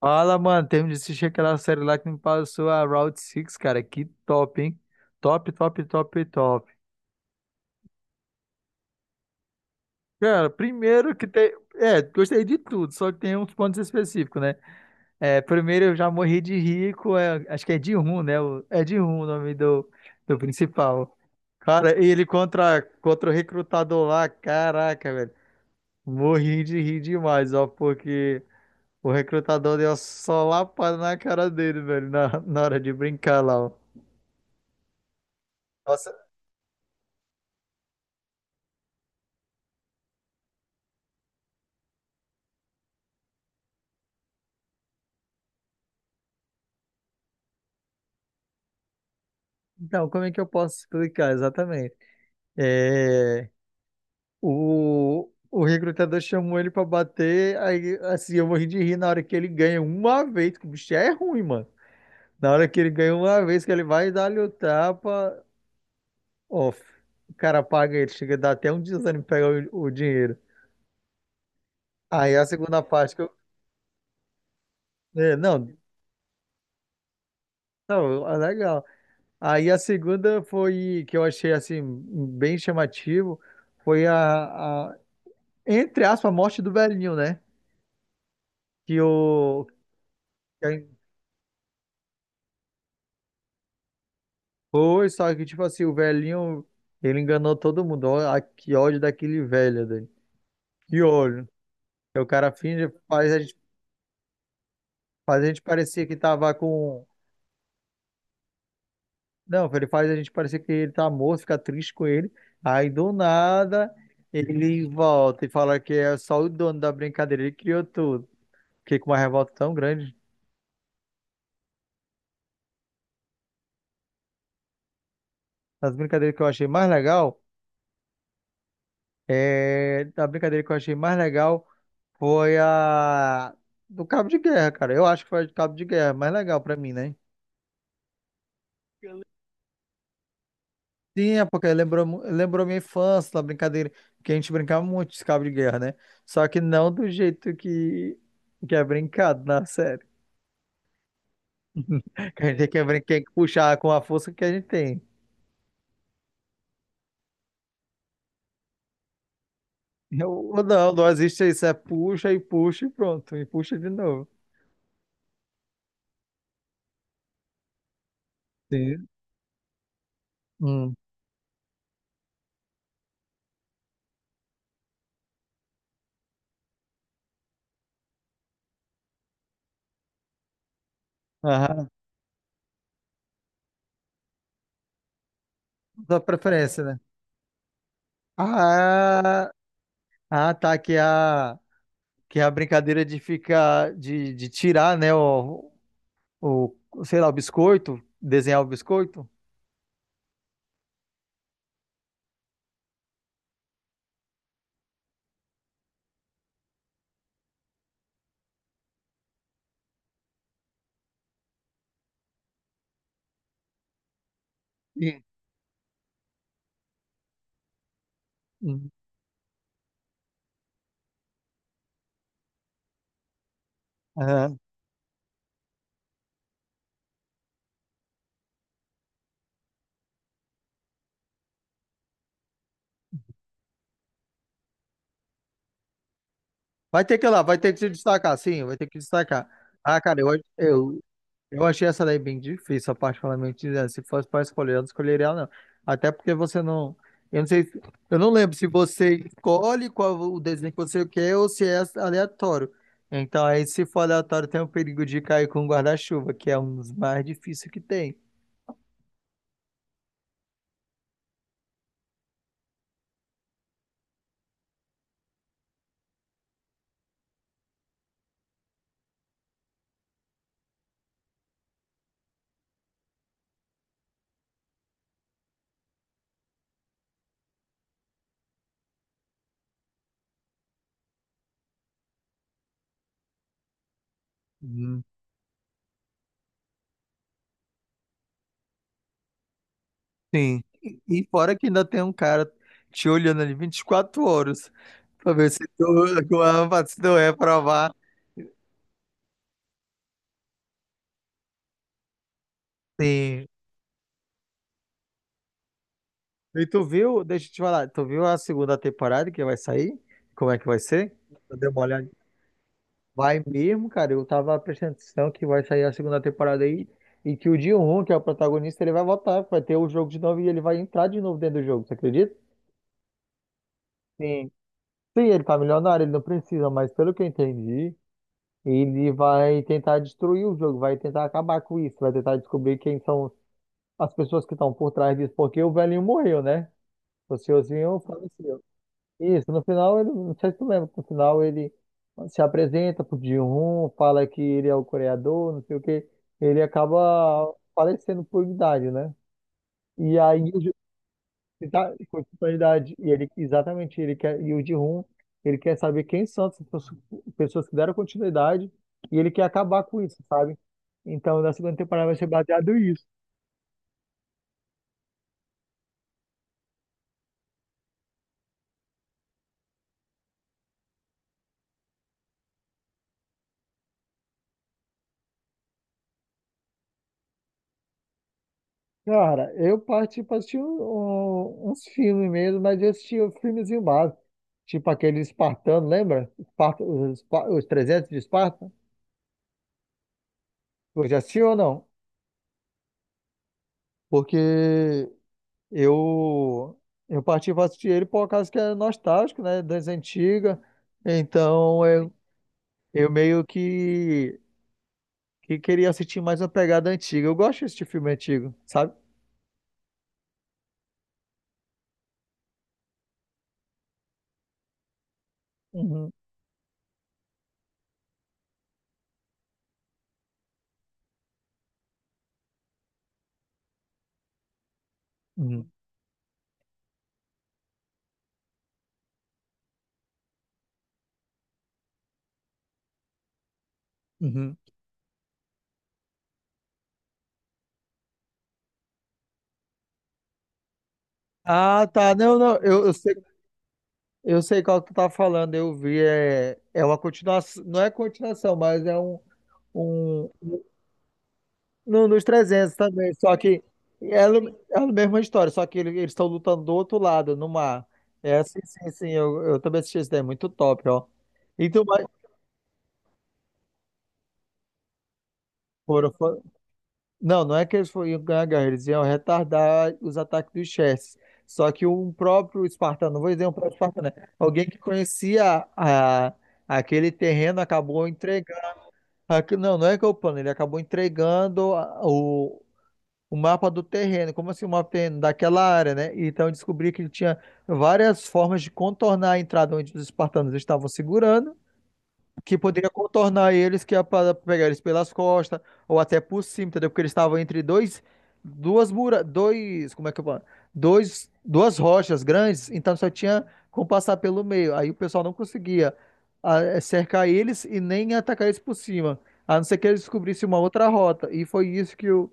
Fala, mano, termino de assistir aquela série lá que me passou a Route 6, cara. Que top, hein? Top, top, top, top. Cara, primeiro que tem. Gostei de tudo, só que tem uns pontos específicos, né? É, primeiro eu já morri de rico, acho que é de rum, né? É de rum o nome do principal. Cara, e ele contra o recrutador lá, caraca, velho. Morri de rir demais, ó, porque o recrutador deu só lapada na cara dele, velho, na hora de brincar lá, ó. Então, como é que eu posso explicar exatamente? É, o recrutador chamou ele pra bater, aí assim, eu morri de rir na hora que ele ganha uma vez, que o bicho é ruim, mano. Na hora que ele ganha uma vez, que ele vai dar-lhe o tapa, off. O cara paga ele, chega a dar até um desânimo pra pegar o dinheiro. Aí a segunda parte que eu. É, não, não, ah, legal. Aí a segunda foi que eu achei assim, bem chamativo, foi a entre aspas, a morte do velhinho, né? que o que Foi, só que tipo assim, o velhinho, ele enganou todo mundo. Ó, que ódio daquele velho dele. Que ódio. Aí o cara finge, faz a gente parecer que tava com. Não, ele faz a gente parecer que ele tá morto, fica triste com ele. Aí do nada ele volta e fala que é só o dono da brincadeira, ele criou tudo. Fiquei com uma revolta tão grande. As brincadeiras que eu achei mais legal, a brincadeira que eu achei mais legal. Foi a do Cabo de Guerra, cara. Eu acho que foi a do Cabo de Guerra, mais legal pra mim, né? Sim, é porque lembrou, lembrou minha infância, da brincadeira, que a gente brincava muito de cabo de guerra, né? Só que não do jeito que é brincado na série. Que a gente tem que, tem que puxar com a força que a gente tem. Eu, não, não existe isso, é puxa e puxa e pronto, e puxa de novo. Sim. Hum. Aham. Sua preferência, né? Ah, ah, tá aqui a. Que é a brincadeira de ficar, de tirar, né, o, sei lá, o biscoito, desenhar o biscoito. Sim. Uhum. Aham. Vai ter que ir lá, vai ter que se destacar, sim, vai ter que destacar. Ah, cara, eu, eu achei essa daí bem difícil, particularmente, né? Se fosse para escolher, eu não escolheria ela, não. Até porque você não. Eu não sei, eu não lembro se você escolhe qual o desenho que você quer ou se é aleatório. Então, aí, se for aleatório, tem o perigo de cair com o guarda-chuva, que é um dos mais difíceis que tem. Hum. Sim. E fora que ainda tem um cara te olhando ali 24 horas pra ver se tu, se tu é aprovado. Sim. E tu viu, deixa eu te falar, tu viu a segunda temporada que vai sair? Como é que vai ser? Eu dei uma olhada. Vai mesmo, cara. Eu tava prestando atenção que vai sair a segunda temporada aí e que o Ji-hoon, que é o protagonista, ele vai voltar, vai ter o jogo de novo e ele vai entrar de novo dentro do jogo, você acredita? Sim. Sim, ele tá milionário, ele não precisa, mas pelo que eu entendi, ele vai tentar destruir o jogo, vai tentar acabar com isso, vai tentar descobrir quem são as pessoas que estão por trás disso, porque o velhinho morreu, né? O senhorzinho faleceu. Isso, no final ele, não sei se tu lembra, no final ele se apresenta pro Ji-hoon, fala que ele é o coreador, não sei o quê, ele acaba falecendo por idade, né? E aí o tá, com a idade, e ele exatamente, ele quer e o Ji-hoon, ele quer saber quem são as pessoas que deram continuidade e ele quer acabar com isso, sabe? Então, na segunda temporada vai ser baseado nisso. Cara, eu parti pra assistir uns filmes mesmo, mas eu assisti um filmezinho básico. Tipo aquele Espartano, lembra? Esparta, os, os 300 de Esparta? Você já assistiu ou não? Porque eu, eu parti pra assistir ele por causa que é nostálgico, né? Das antigas. Então eu, eu meio que queria assistir mais uma pegada antiga. Eu gosto de assistir filme antigo, sabe? Uhum, uhum, uhum. Ah, tá. Não, não. Eu sei. Eu sei qual que tu tá falando, eu vi. É, é uma continuação, não é continuação, mas é um nos 300 também. Só que é, é a mesma história, só que eles estão lutando do outro lado, no mar. É, sim, sim, sim, eu também assisti esse daí, muito top, ó. Então, mas, foram, não, não é que eles foram iam ganhar a guerra, eles iam retardar os ataques dos Chess. Só que um próprio espartano, não vou dizer um próprio espartano, né? Alguém que conhecia aquele terreno acabou entregando. Não, não é que eu plano, ele acabou entregando o mapa do terreno, como assim o mapa do terreno daquela área, né? Então eu descobri que ele tinha várias formas de contornar a entrada onde os espartanos estavam segurando que poderia contornar eles, que ia para pegar eles pelas costas, ou até por cima, entendeu? Porque eles estavam entre dois, duas mura, dois, como é que eu falo? Dois, duas rochas grandes, então só tinha como passar pelo meio. Aí o pessoal não conseguia ah, eh, cercar eles e nem atacar eles por cima, a não ser que eles descobrissem uma outra rota. E foi isso que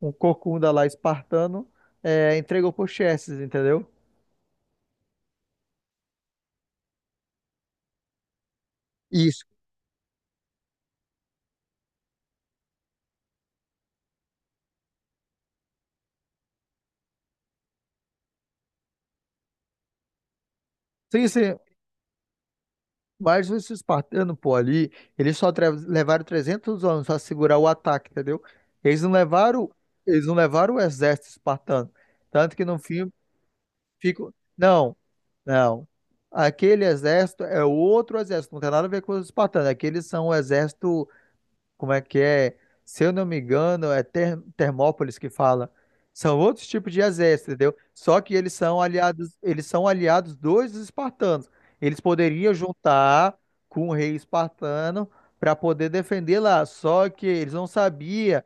um corcunda lá espartano entregou por Xerxes, entendeu? Isso. Sim, sim. Mas os espartanos, pô, ali, eles só levaram 300 anos para segurar o ataque, entendeu? Eles não levaram, eles não levaram o exército espartano. Tanto que no fim ficam. Não, não. Aquele exército é outro exército, não tem nada a ver com os espartanos. Aqueles são o exército como é que é? Se eu não me engano, é Termópolis que fala. São outros tipos de exército, entendeu? Só que eles são aliados dos espartanos. Eles poderiam juntar com o rei espartano para poder defender lá. Só que eles não sabiam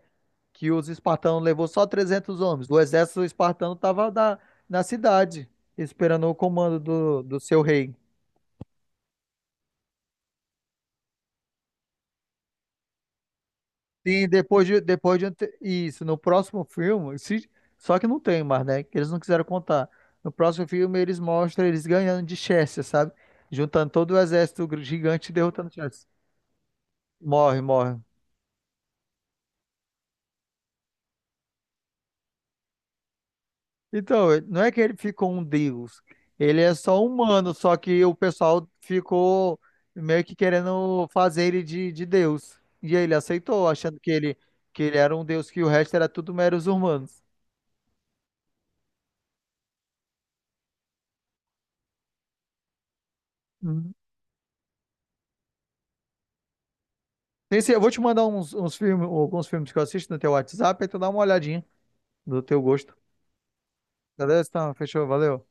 que os espartanos levou só 300 homens. O exército espartano estava na cidade, esperando o comando do seu rei. Sim, depois de isso, no próximo filme, se- só que não tem mais, né? Que eles não quiseram contar. No próximo filme eles mostram eles ganhando de Chester, sabe? Juntando todo o exército gigante e derrotando Chester. Morre, morre. Então, ele- não é que ele ficou um deus. Ele é só humano, só que o pessoal ficou meio que querendo fazer ele de deus. E aí ele aceitou, achando que ele era um deus, que o resto era tudo meros humanos. Sim, sim, eu vou te mandar uns filmes, alguns filmes que eu assisto no teu WhatsApp, aí tu dá uma olhadinha do teu gosto. Beleza? Então, fechou, valeu.